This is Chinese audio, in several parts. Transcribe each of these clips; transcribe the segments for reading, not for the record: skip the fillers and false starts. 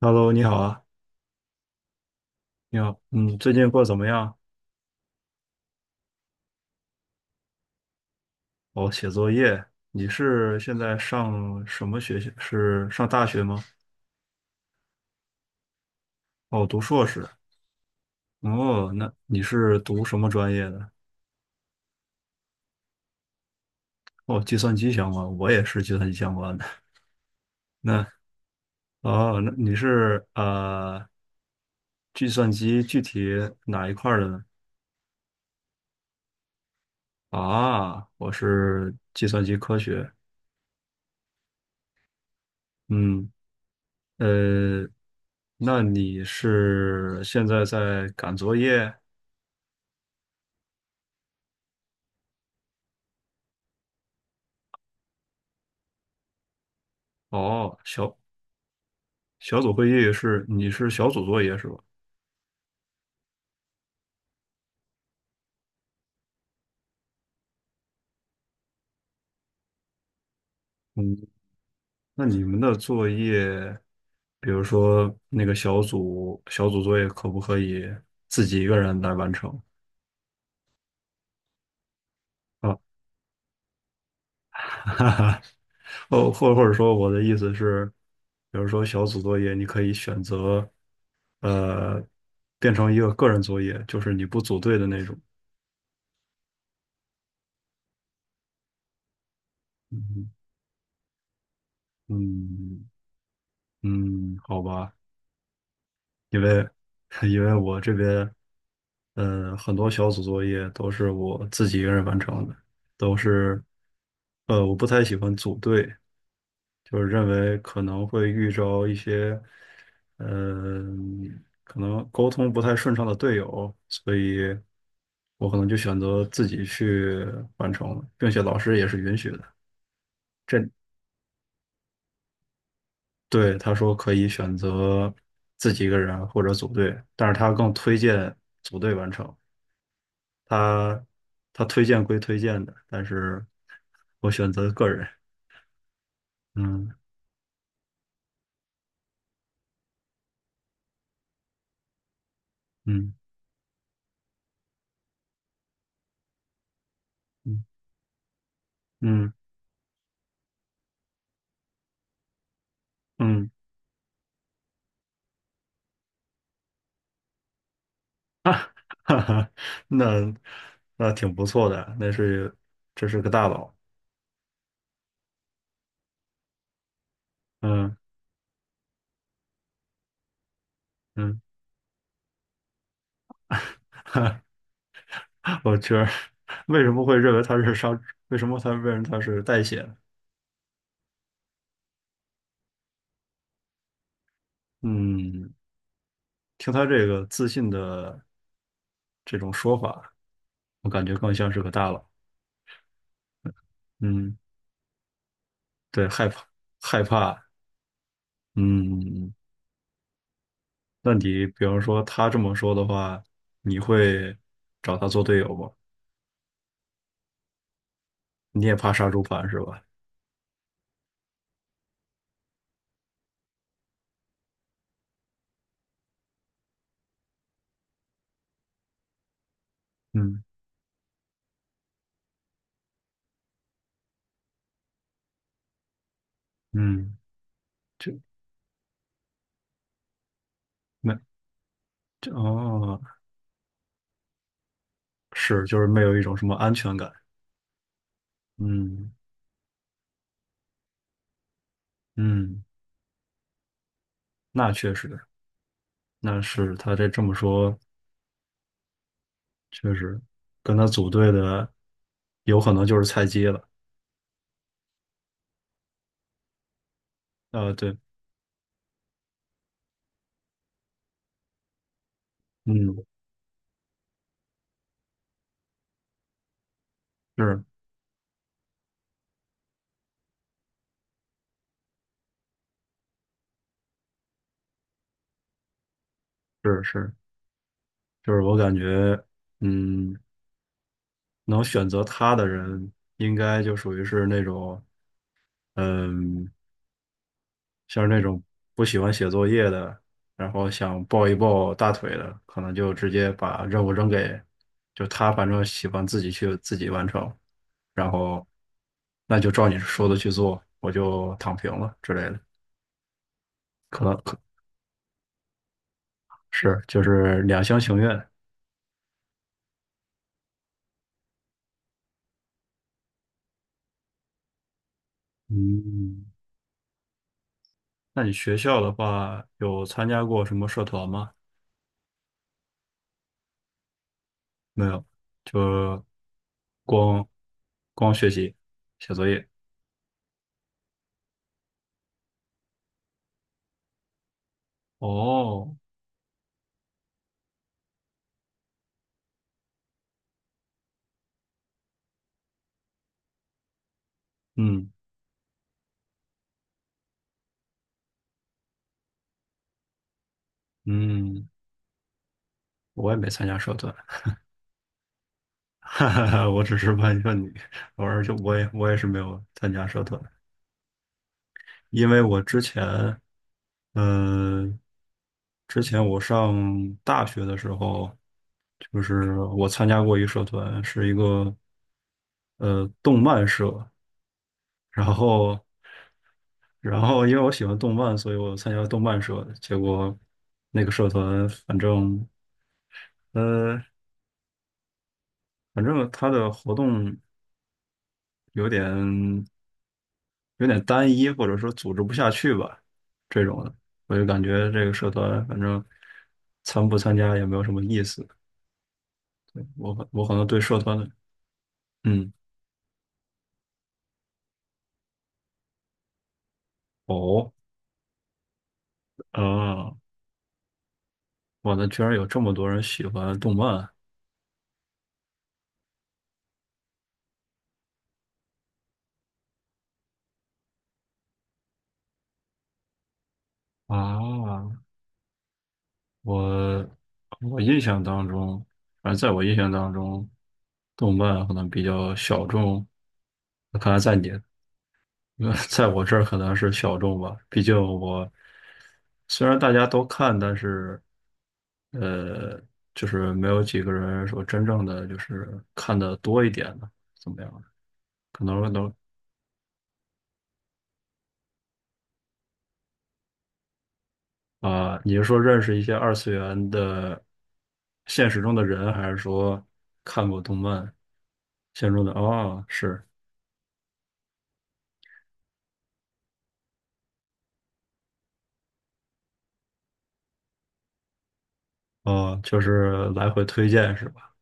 Hello，你好啊，你好，最近过得怎么样？哦，写作业，你是现在上什么学校？是上大学吗？哦，读硕士。哦，那你是读什么专业的？哦，计算机相关，我也是计算机相关的。那哦，那你是计算机具体哪一块儿的呢？啊，我是计算机科学。嗯，呃，那你是现在在赶作业？哦，小小组会议是你是小组作业是吧？嗯，那你们的作业，比如说那个小组作业，可不可以自己一个人来完成啊？哈哈，哦，或者说我的意思是，比如说小组作业，你可以选择呃变成一个个人作业，就是你不组队的那种。嗯嗯嗯，好吧。因为 因为我这边，很多小组作业都是我自己一个人完成的，都是，我不太喜欢组队，就是认为可能会遇着一些，呃，可能沟通不太顺畅的队友，所以我可能就选择自己去完成了，并且老师也是允许的。这对，他说可以选择自己一个人或者组队，但是他更推荐组队完成。他他推荐归推荐的，但是我选择个人。嗯嗯嗯嗯嗯，哈哈，那那挺不错的，那是这是个大佬。嗯嗯，我觉得为什么会认为他是商？为什么他认为他是代写？嗯，听他这个自信的这种说法，我感觉更像是个大佬。嗯，对，害怕。嗯。嗯嗯那你比方说他这么说的话，你会找他做队友吗？你也怕杀猪盘是吧？嗯嗯，这没这哦，是就是没有一种什么安全感。嗯嗯，那确实，那是他这么说，确实跟他组队的有可能就是菜鸡了。啊，对，嗯，是是是，就是我感觉，嗯，能选择他的人应该就属于是那种。嗯，像那种不喜欢写作业的，然后想抱一抱大腿的，可能就直接把任务扔给，就他反正喜欢自己去自己完成，然后那就照你说的去做，我就躺平了之类的，可能可是就是两厢情愿。嗯，那你学校的话有参加过什么社团吗？没有，就光光学习写作业。哦，嗯嗯。我也没参加社团，哈哈哈，我只是问一问你，偶尔就我也是没有参加社团，因为我之前，呃，之前我上大学的时候，就是我参加过一个社团，是一个动漫社，然后然后因为我喜欢动漫，所以我参加了动漫社，结果那个社团反正呃反正他的活动有点。有点单一，或者说组织不下去吧，这种的，我就感觉这个社团反正参不参加也没有什么意思。我可能对社团的，嗯，哦，啊，我的居然有这么多人喜欢动漫啊！我我印象当中，反正在我印象当中，动漫可能比较小众。看来在你在我这儿可能是小众吧，毕竟我虽然大家都看，但是呃，就是没有几个人说真正的就是看的多一点的，怎么样？可能能啊、你是说认识一些二次元的现实中的人，还是说看过动漫现实中的？哦，是哦，就是来回推荐是吧？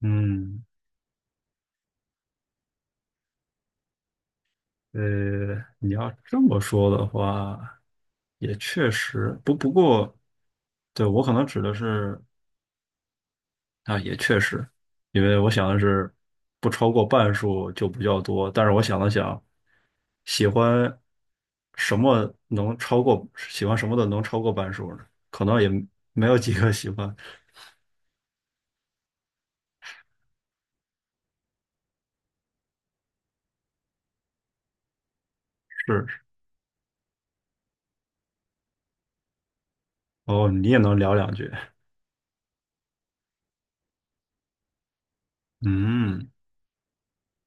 嗯，你要这么说的话，也确实，不过，对，我可能指的是啊，也确实，因为我想的是不超过半数就比较多，但是我想了想，喜欢什么能超过，喜欢什么的能超过半数呢？可能也没有几个喜欢。是，哦，你也能聊两句。嗯，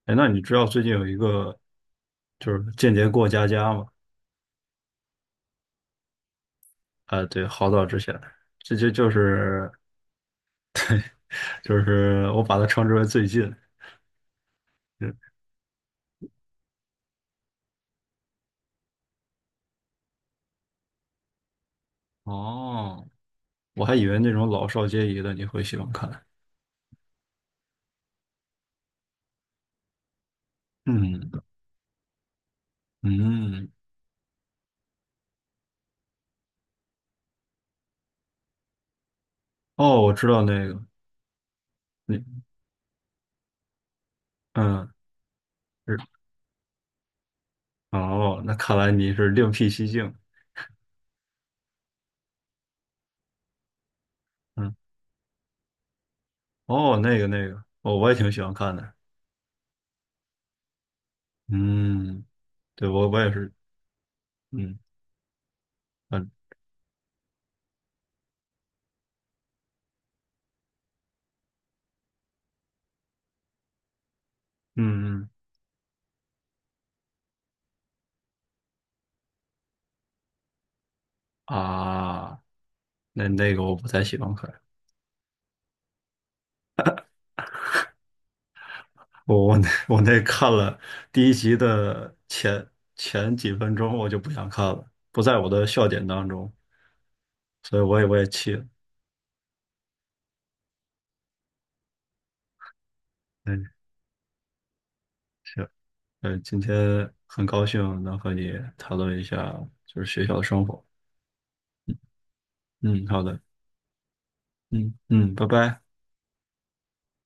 哎，那你知道最近有一个就是间谍过家家吗？啊、对，好早之前，这就就是就是我把它称之为最近。嗯哦，我还以为那种老少皆宜的你会喜欢看。嗯嗯，哦，我知道那个，你嗯是哦，那看来你是另辟蹊径。嗯，哦，那个那个，哦，我也挺喜欢看的。嗯，对，我也是，嗯嗯嗯嗯嗯啊，那那个我不太喜欢看。我那看了第一集的前几分钟，我就不想看了，不在我的笑点当中，所以我也气了。嗯，行，今天很高兴能和你讨论一下就是学校的生活。嗯嗯，好的，嗯嗯，拜拜。